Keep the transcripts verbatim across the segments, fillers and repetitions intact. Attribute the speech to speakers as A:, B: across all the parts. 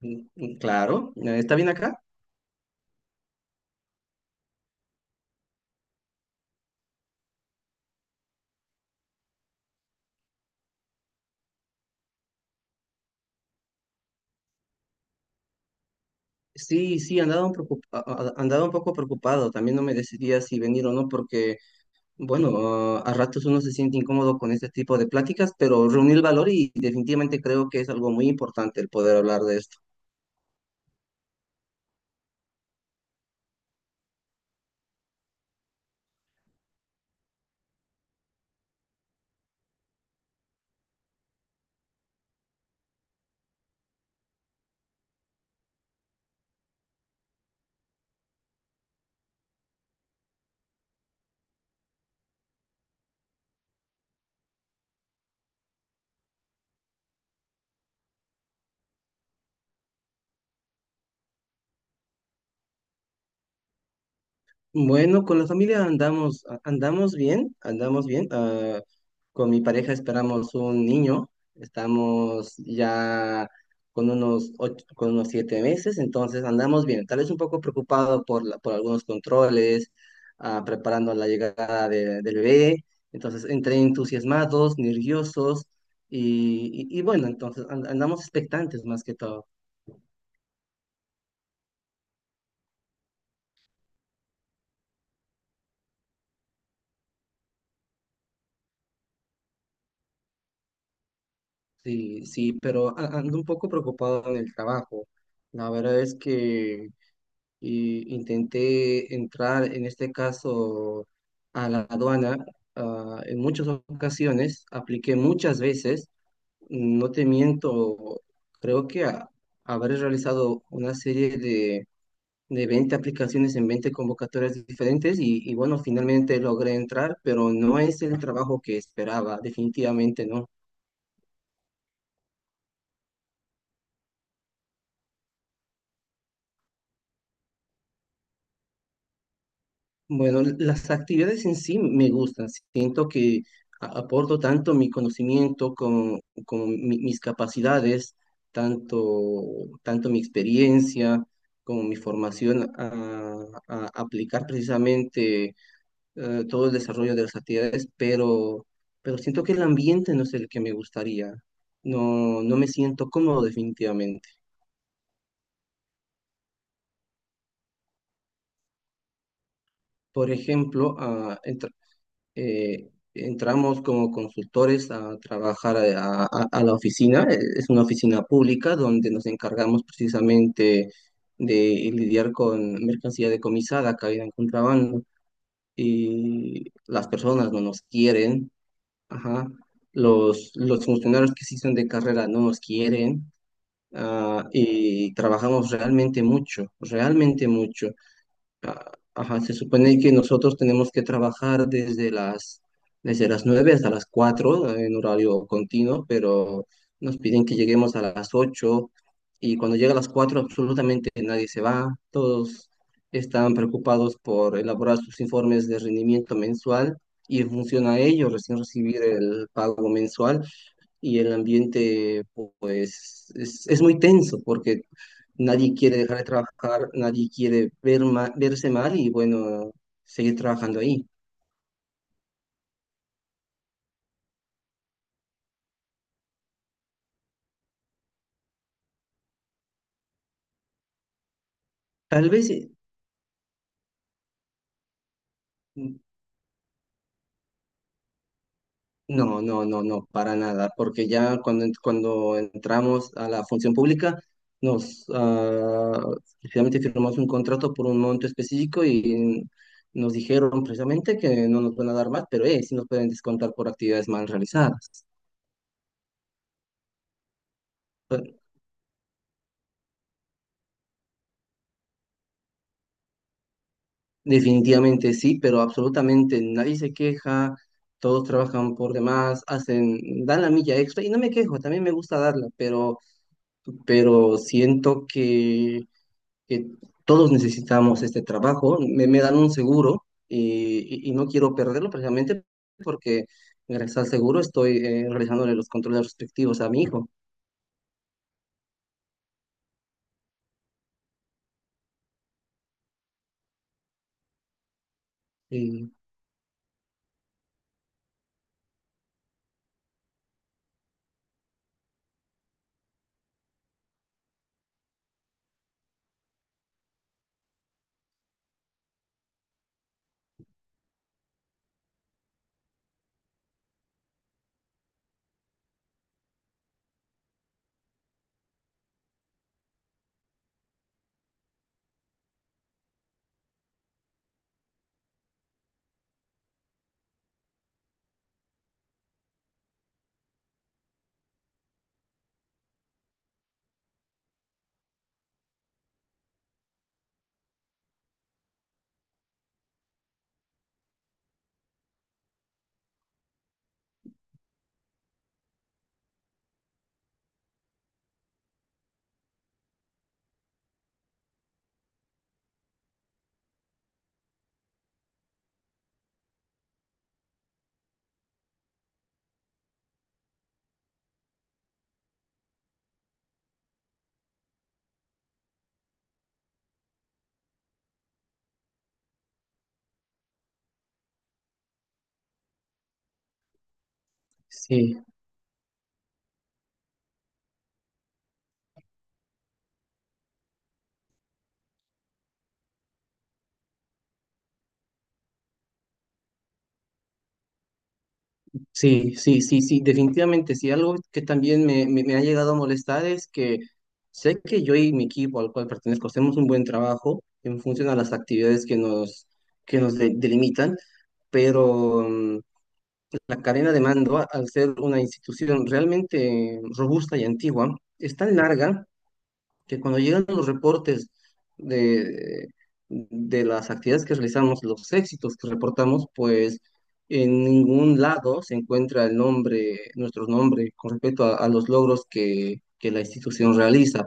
A: Mm, mm, Claro. Eh, ¿está bien acá? Sí, sí, andaba un, preocupa- a- a- andaba un poco preocupado. También no me decidía si venir o no, porque, bueno, ah, a ratos uno se siente incómodo con este tipo de pláticas, pero reuní el valor y definitivamente creo que es algo muy importante el poder hablar de esto. Bueno, con la familia andamos, a- andamos bien, andamos bien. ah, Con mi pareja esperamos un niño, estamos ya con unos ocho- con unos siete meses, entonces andamos bien. Tal vez un poco preocupado por la- por algunos controles, ah, preparando la llegada de- del bebé. Entonces, entre entusiasmados, nerviosos y, y- y bueno, entonces and- andamos expectantes más que todo. Sí, sí, pero a- ando un poco preocupado en el trabajo. La verdad es que y intenté entrar, en este caso, a la aduana, ah, en muchas ocasiones, apliqué muchas veces, no te miento, creo que a- habré realizado una serie de, de veinte aplicaciones en veinte convocatorias diferentes y, y bueno, finalmente logré entrar, pero no es el trabajo que esperaba, definitivamente no. Bueno, las actividades en sí me gustan. Siento que a- aporto tanto mi conocimiento como, como mi- mis capacidades, tanto, tanto mi experiencia como mi formación a, a aplicar precisamente eh, todo el desarrollo de las actividades, pero, pero siento que el ambiente no es el que me gustaría. No, no me siento cómodo definitivamente. Por ejemplo, eh, entramos como consultores a trabajar a, a- a la oficina. Eh, Es una oficina pública donde nos encargamos precisamente de lidiar con mercancía decomisada, caída en contrabando. Y las personas no nos quieren, ajá. Los, los funcionarios que sí son de carrera no nos quieren. Ah, y trabajamos realmente mucho, realmente mucho. a- Ajá, se supone que nosotros tenemos que trabajar desde las, desde las nueve hasta las cuatro eh, en horario continuo, pero nos piden que lleguemos a las ocho, y cuando llega a las cuatro absolutamente nadie se va, todos están preocupados por elaborar sus informes de rendimiento mensual y en función a ello recién recibir el pago mensual, y el ambiente pues es, es muy tenso porque nadie quiere dejar de trabajar, nadie quiere ver ma- verse mal y bueno, seguir trabajando ahí. Tal vez, eh, no, no, no, no, para nada, porque ya cuando, en- cuando entramos a la función pública, nos ah, finalmente firmamos un contrato por un monto específico y nos dijeron precisamente que no nos van a dar más, pero eh, sí nos pueden descontar por actividades mal realizadas. Definitivamente sí, pero absolutamente nadie se queja, todos trabajan por demás, hacen, dan la milla extra y no me quejo, también me gusta darla, pero, pero siento que, que todos necesitamos este trabajo, me, me dan un seguro y, y- y no quiero perderlo precisamente porque gracias al seguro estoy eh, realizándole los controles respectivos a mi hijo. Y, sí. Sí, sí, sí, sí, definitivamente. Sí, algo que también me, me, me ha llegado a molestar es que sé que yo y mi equipo al cual pertenezco hacemos un buen trabajo en función a las actividades que nos, que nos de- delimitan, pero mm, la cadena de mando, a- al ser una institución realmente robusta y antigua, es tan larga que cuando llegan los reportes de, de las actividades que realizamos, los éxitos que reportamos, pues en ningún lado se encuentra el nombre, nuestro nombre con respecto a, a los logros que, que la institución realiza,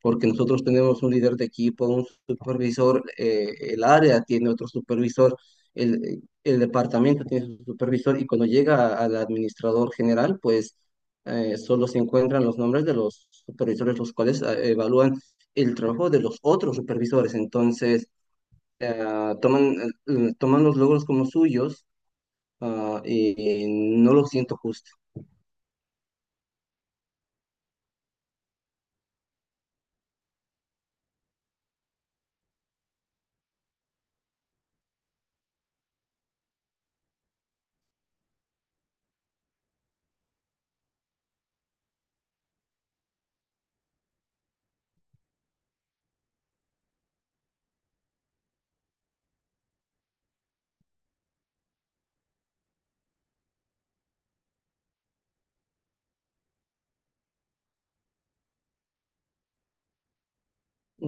A: porque nosotros tenemos un líder de equipo, un supervisor, eh, el área tiene otro supervisor, el, el departamento tiene su supervisor y cuando llega al administrador general, pues eh, solo se encuentran los nombres de los supervisores, los cuales eh, evalúan el trabajo de los otros supervisores. Entonces, eh, toman, eh, toman los logros como suyos, ah, y no lo siento justo.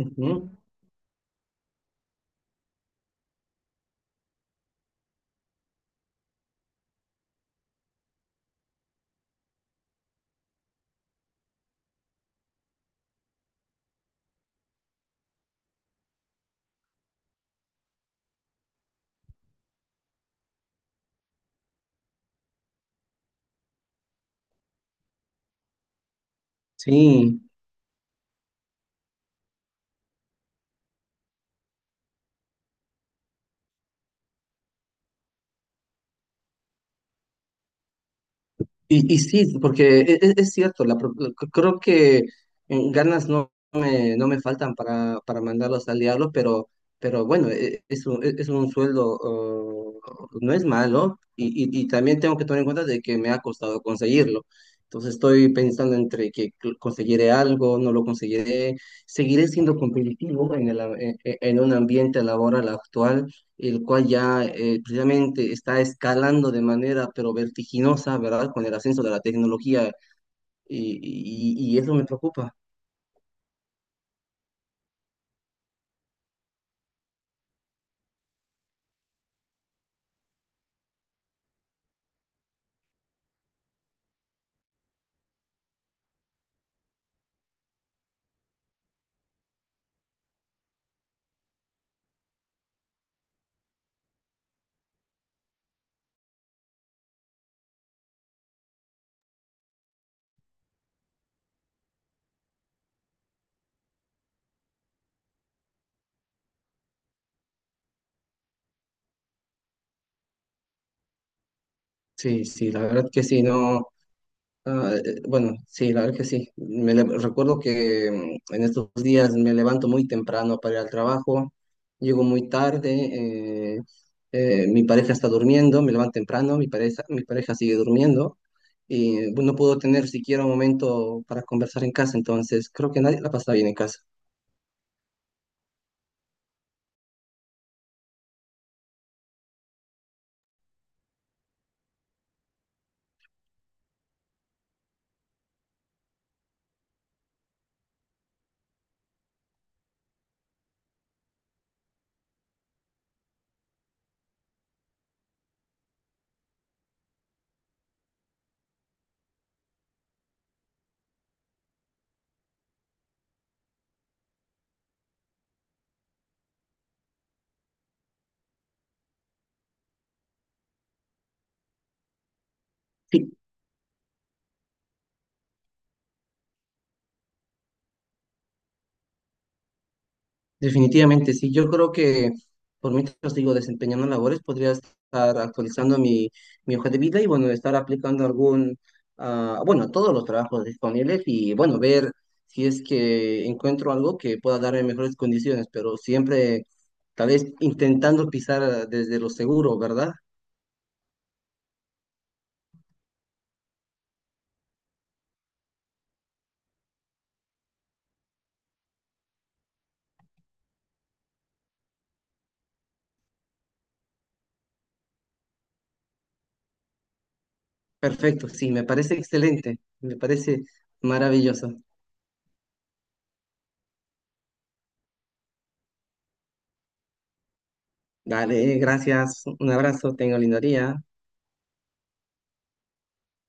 A: Ujú. Sí. Y, y sí, porque e- e- es cierto. La, pro- la- c- creo que eh, ganas no me, no me faltan para, para mandarlos al diablo, pero, pero bueno, e- es un, e, es un sueldo, oh, no es malo, y, y, y también tengo que tomar en cuenta de que me ha costado conseguirlo. Entonces estoy pensando entre que cl- conseguiré algo, no lo conseguiré, seguiré siendo competitivo en el, a- e- e- en un ambiente laboral actual, el cual ya eh, precisamente está escalando de manera pero vertiginosa, ¿verdad? Con el ascenso de la tecnología y, y- y eso me preocupa. Sí, sí, la verdad que sí, no. Ah, eh, bueno, sí, la verdad que sí. Me le- recuerdo que mm, en estos días me levanto muy temprano para ir al trabajo, llego muy tarde, eh, eh, mi pareja está durmiendo, me levanto temprano, mi pareja, mi pareja sigue durmiendo y eh, no puedo tener siquiera un momento para conversar en casa, entonces creo que nadie la pasa bien en casa. Definitivamente, sí. Yo creo que por mientras digo desempeñando labores, podría estar actualizando mi, mi hoja de vida y bueno, estar aplicando algún, ah, bueno, todos los trabajos disponibles y bueno, ver si es que encuentro algo que pueda darme mejores condiciones, pero siempre tal vez intentando pisar desde lo seguro, ¿verdad? Perfecto, sí, me parece excelente, me parece maravilloso. Dale, gracias, un abrazo, tengo lindo día.